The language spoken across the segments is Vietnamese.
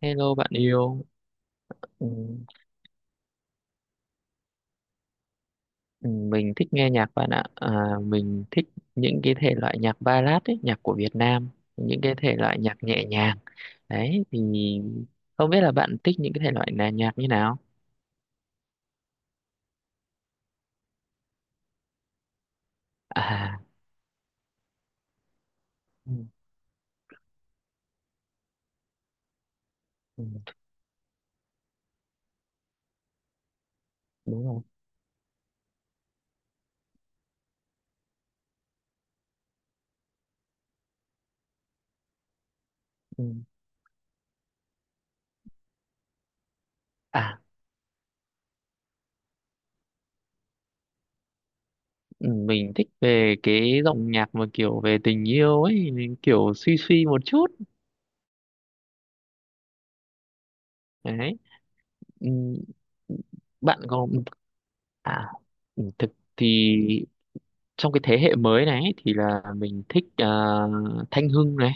Hello bạn yêu. Ừ, ừ, mình thích nghe nhạc bạn ạ. À, mình thích những cái thể loại nhạc ballad ấy, nhạc của Việt Nam, những cái thể loại nhạc nhẹ nhàng. Đấy thì không biết là bạn thích những cái thể loại là nhạc như nào? À, ừ, ừ, đúng rồi. Ừ. À, ừ, mình thích về cái dòng nhạc mà kiểu về tình yêu ấy, kiểu suy suy một chút. Đấy. Ừ, bạn có à, thực thì trong cái thế hệ mới này ấy, thì là mình thích à, Thanh Hưng này,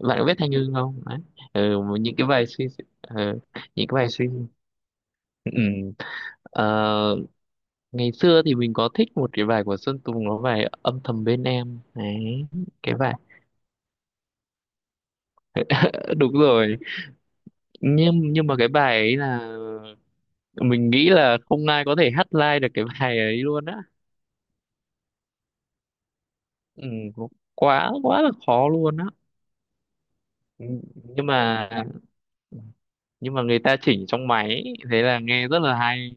bạn có biết Thanh Hưng không đấy? Ừ, những cái bài suy, ờ, những cái bài suy. Ừ. Ờ, ngày xưa thì mình có thích một cái bài của Sơn Tùng, nó bài âm thầm bên em đấy, cái bài, đúng rồi, nhưng mà cái bài ấy là mình nghĩ là không ai có thể hát live được cái bài ấy luôn á. Ừ, quá quá là khó luôn á. Ừ, nhưng mà, nhưng mà người ta chỉnh trong máy, thế là nghe rất là hay,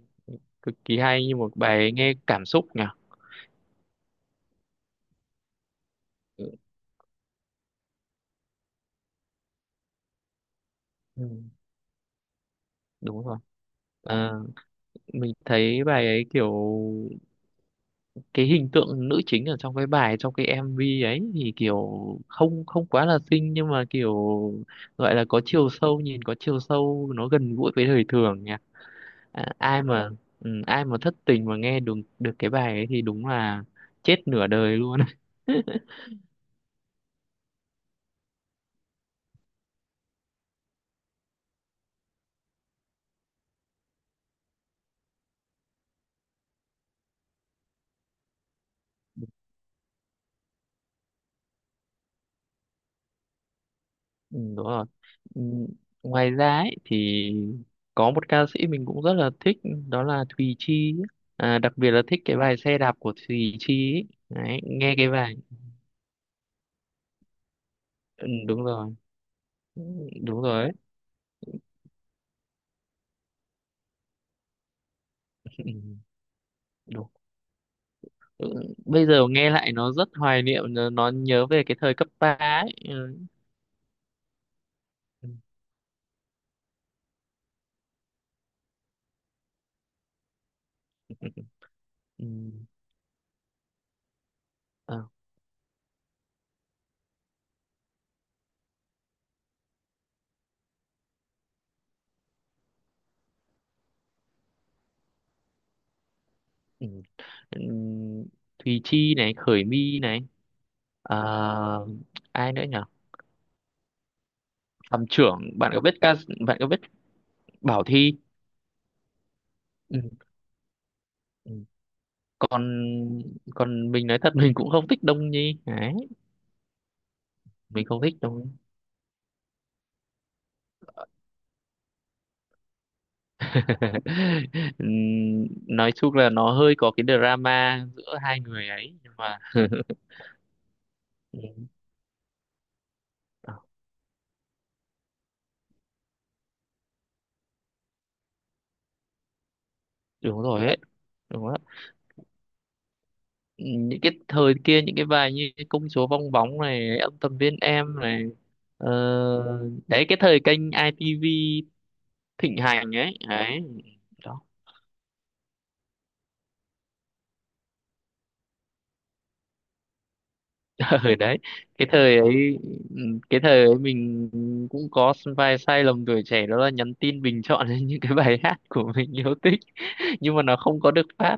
cực kỳ hay, như một bài ấy nghe cảm xúc nhỉ. Ừ, đúng rồi. À, mình thấy bài ấy kiểu cái hình tượng nữ chính ở trong cái bài, trong cái MV ấy thì kiểu không không quá là xinh nhưng mà kiểu gọi là có chiều sâu, nhìn có chiều sâu, nó gần gũi với đời thường nhỉ. À, ai mà, ừ, ai mà thất tình mà nghe được được cái bài ấy thì đúng là chết nửa đời luôn. Ừ, đúng rồi. Ừ, ngoài ra ấy, thì có một ca sĩ mình cũng rất là thích, đó là Thùy Chi ấy. À, đặc biệt là thích cái bài xe đạp của Thùy Chi ấy. Đấy, nghe cái bài, ừ, đúng rồi. Ừ, đúng rồi ấy. Ừ, đúng. Ừ, bây giờ nghe lại nó rất hoài niệm, nó nhớ về cái thời cấp ba ấy. Ừ. Ừ, ừ, ờ, ừ. Ừ, Thùy Chi này, Khởi My này, à, ai nữa nhỉ? Phạm Trưởng, bạn có biết ca, bạn có biết Bảo Thy? Ừ. Ừ. còn còn mình nói thật, mình cũng không thích Đông Nhi đấy. Mình không thích Đông. Ừm, nói chung là nó hơi có cái drama giữa hai người ấy nhưng mà ừ, à, đúng rồi ấy, đúng đó. Những cái thời kia, những cái bài như cái công chúa bong bóng này, ông tầm viên em này, ờ, đấy cái thời kênh i ITV thịnh hành ấy đấy đó. Ừ đấy, cái thời ấy, ừ, cái thời ấy mình cũng có vài sai lầm tuổi trẻ, đó là nhắn tin bình chọn lên những cái bài hát của mình yêu thích, nhưng mà nó không có được phát.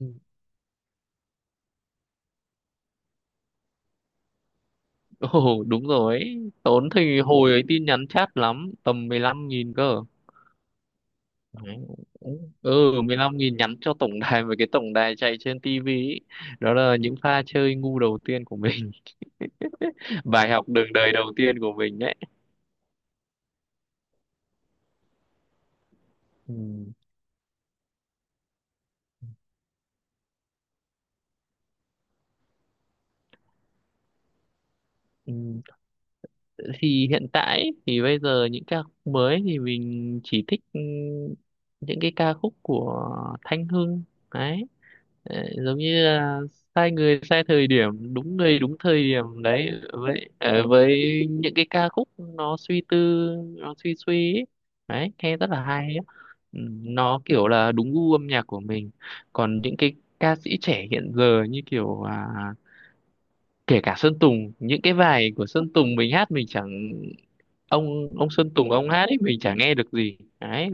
Ừ. Ồ đúng rồi ấy. Tốn thì hồi ấy tin nhắn chat lắm, tầm 15.000 cơ. Đấy. Ừ, 15.000 nhắn cho tổng đài, với cái tổng đài chạy trên tivi ý. Đó là những pha chơi ngu đầu tiên của mình. Bài học đường đời đầu tiên của mình đấy. Ừ. Thì hiện tại thì bây giờ những ca khúc mới thì mình chỉ thích, ừ, những cái ca khúc của Thanh Hưng đấy. Ờ, giống như là sai người sai thời điểm, đúng người đúng thời điểm đấy, với ờ, với những cái ca khúc nó suy tư, nó suy suy ấy. Đấy nghe rất là hay ấy. Ừ, nó kiểu là đúng gu âm nhạc của mình. Còn những cái ca sĩ trẻ hiện giờ như kiểu à, kể cả Sơn Tùng, những cái bài của Sơn Tùng mình hát mình chẳng, ông Sơn Tùng ông hát ấy mình chẳng nghe được gì đấy.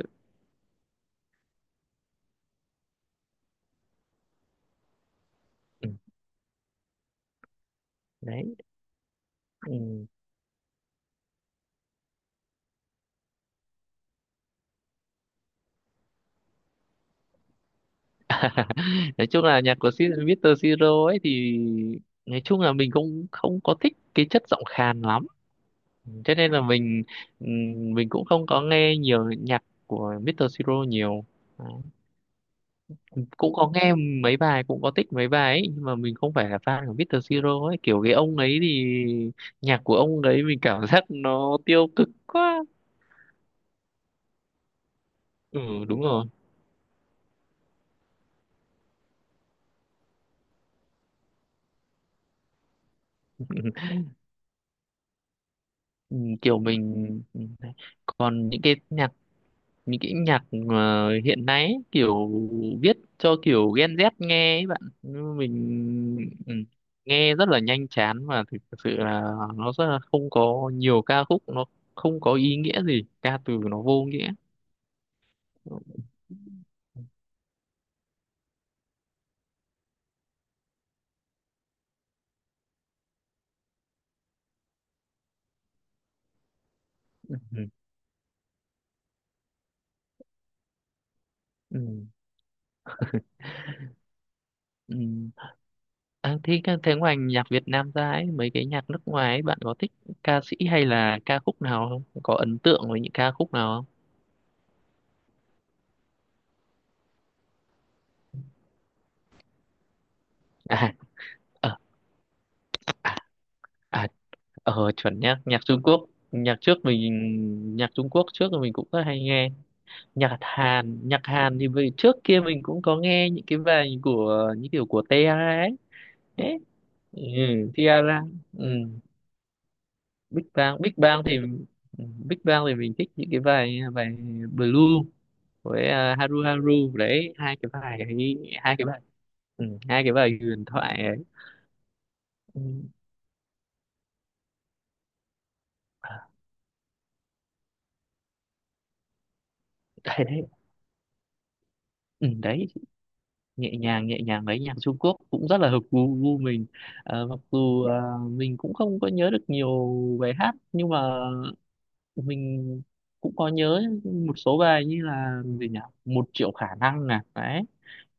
Ừ, đấy. Ừ. Nói chung là nhạc của Mr. Siro ấy thì nói chung là mình cũng không có thích cái chất giọng khàn lắm, cho nên là mình, ừ, mình cũng không có nghe nhiều nhạc của Mr. Siro nhiều. Cũng có nghe mấy bài, cũng có thích mấy bài ấy nhưng mà mình không phải là fan của Mr. Siro ấy, kiểu cái ông ấy thì nhạc của ông đấy mình cảm giác nó tiêu cực quá. Ừ, đúng rồi. Ừ, kiểu mình, còn những cái nhạc, những cái nhạc mà hiện nay ấy, kiểu viết cho kiểu Gen Z nghe ấy bạn. Nhưng mình, ừ, nghe rất là nhanh chán, và thực sự là nó rất là, không có nhiều ca khúc, nó không có ý nghĩa gì, ca từ nó vô nghĩa. Ừ, ừ, ừ. À, thế, thế ngoài nhạc Việt Nam ra ấy, mấy cái nhạc nước ngoài ấy, bạn có thích ca sĩ hay là ca khúc nào không? Có ấn tượng với những ca khúc nào không? À, ờ, à, à, ờ, chuẩn nhá, nhạc Trung Quốc. Nhạc trước mình, nhạc Trung Quốc trước thì mình cũng rất hay nghe. Nhạc Hàn thì vì trước kia mình cũng có nghe những cái bài của, những kiểu của Tiara ấy. Đấy. Ừ, Tiara. Ừ. Big Bang, Big Bang thì, Big Bang thì mình thích những cái bài bài Blue với à, Haru Haru đấy, hai cái bài ấy, hai cái bài, ừ, hai cái bài huyền thoại ấy. Ừ, à, đấy đấy, ừ, đấy nhẹ nhàng, nhẹ nhàng đấy, nhạc Trung Quốc cũng rất là hợp gu, gu mình. Ờ, mặc dù à, mình cũng không có nhớ được nhiều bài hát nhưng mà mình cũng có nhớ một số bài như là gì nhỉ, 1.000.000 khả năng nè đấy,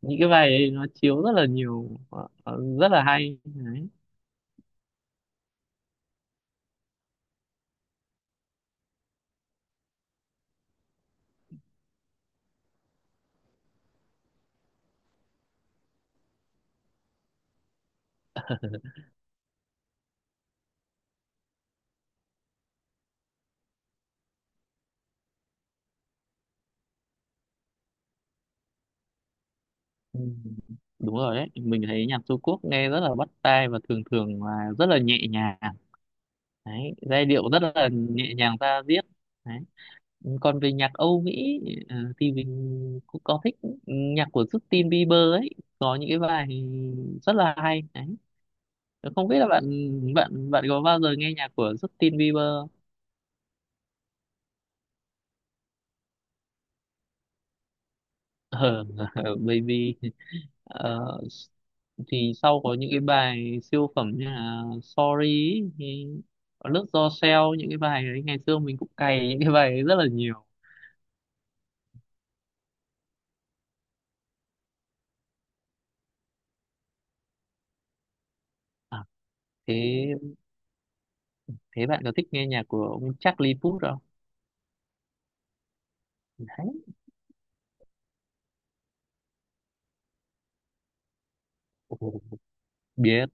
những cái bài ấy nó chiếu rất là nhiều, ờ, ờ, rất là hay đấy. Ừ, đúng rồi đấy, mình thấy nhạc Trung Quốc nghe rất là bắt tai và thường thường là rất là nhẹ nhàng đấy, giai điệu rất là nhẹ nhàng ra diết đấy. Còn về nhạc Âu Mỹ, ờ, thì mình cũng có thích nhạc của Justin Bieber ấy, có những cái bài rất là hay đấy, không biết là bạn, bạn có bao giờ nghe nhạc của Justin Bieber không? Ờ, baby. Ờ, thì sau có những cái bài siêu phẩm như là Sorry ý, thì có lướt do seo, những cái bài đấy ngày xưa mình cũng cày những cái bài ấy rất là nhiều. À, thế thế bạn có thích nghe nhạc của ông Charlie Puth không? Đấy. Ồ, biết.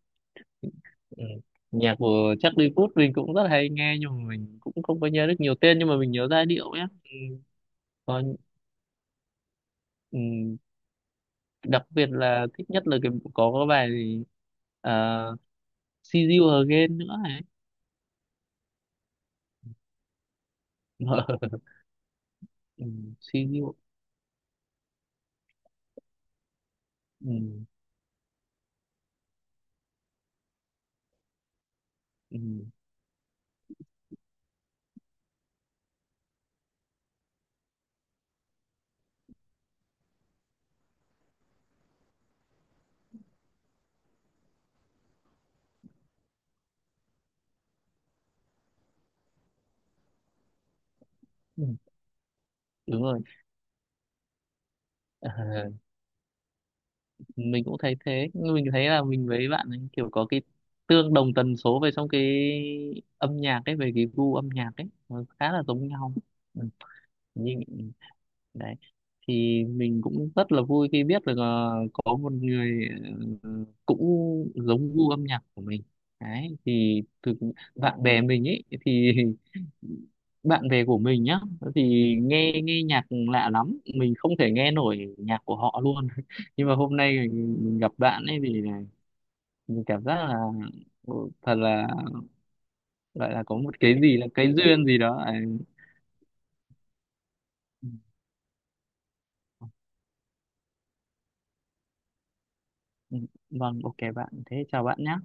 Ừ. Nhạc của Charlie Puth mình cũng rất hay nghe nhưng mà mình cũng không có nhớ được nhiều tên nhưng mà mình nhớ giai điệu nhé. Ừ. Còn, ừ. Đặc biệt là thích nhất là cái, có cái bài gì, uh, See You Again nữa ấy. Ừ. See You, ừ. Ừ, ừ, đúng rồi. Ờ, mình cũng thấy thế. Nhưng mình thấy là mình với bạn ấy kiểu có cái tương đồng tần số về trong cái âm nhạc ấy, về cái gu âm nhạc ấy nó khá là giống nhau. Ừ, nhưng đấy, thì mình cũng rất là vui khi biết được ờ, có một người ờ, cũng giống gu âm nhạc của mình đấy. Thì thực bạn bè mình ấy thì, bạn bè của mình nhá, thì nghe, nghe nhạc lạ lắm, mình không thể nghe nổi nhạc của họ luôn. Nhưng mà hôm nay mình, gặp bạn ấy thì mình cảm giác là, ừ, thật là gọi là có một cái gì là cái duyên gì đó. Ừ, vâng, ok bạn, thế chào bạn nhé.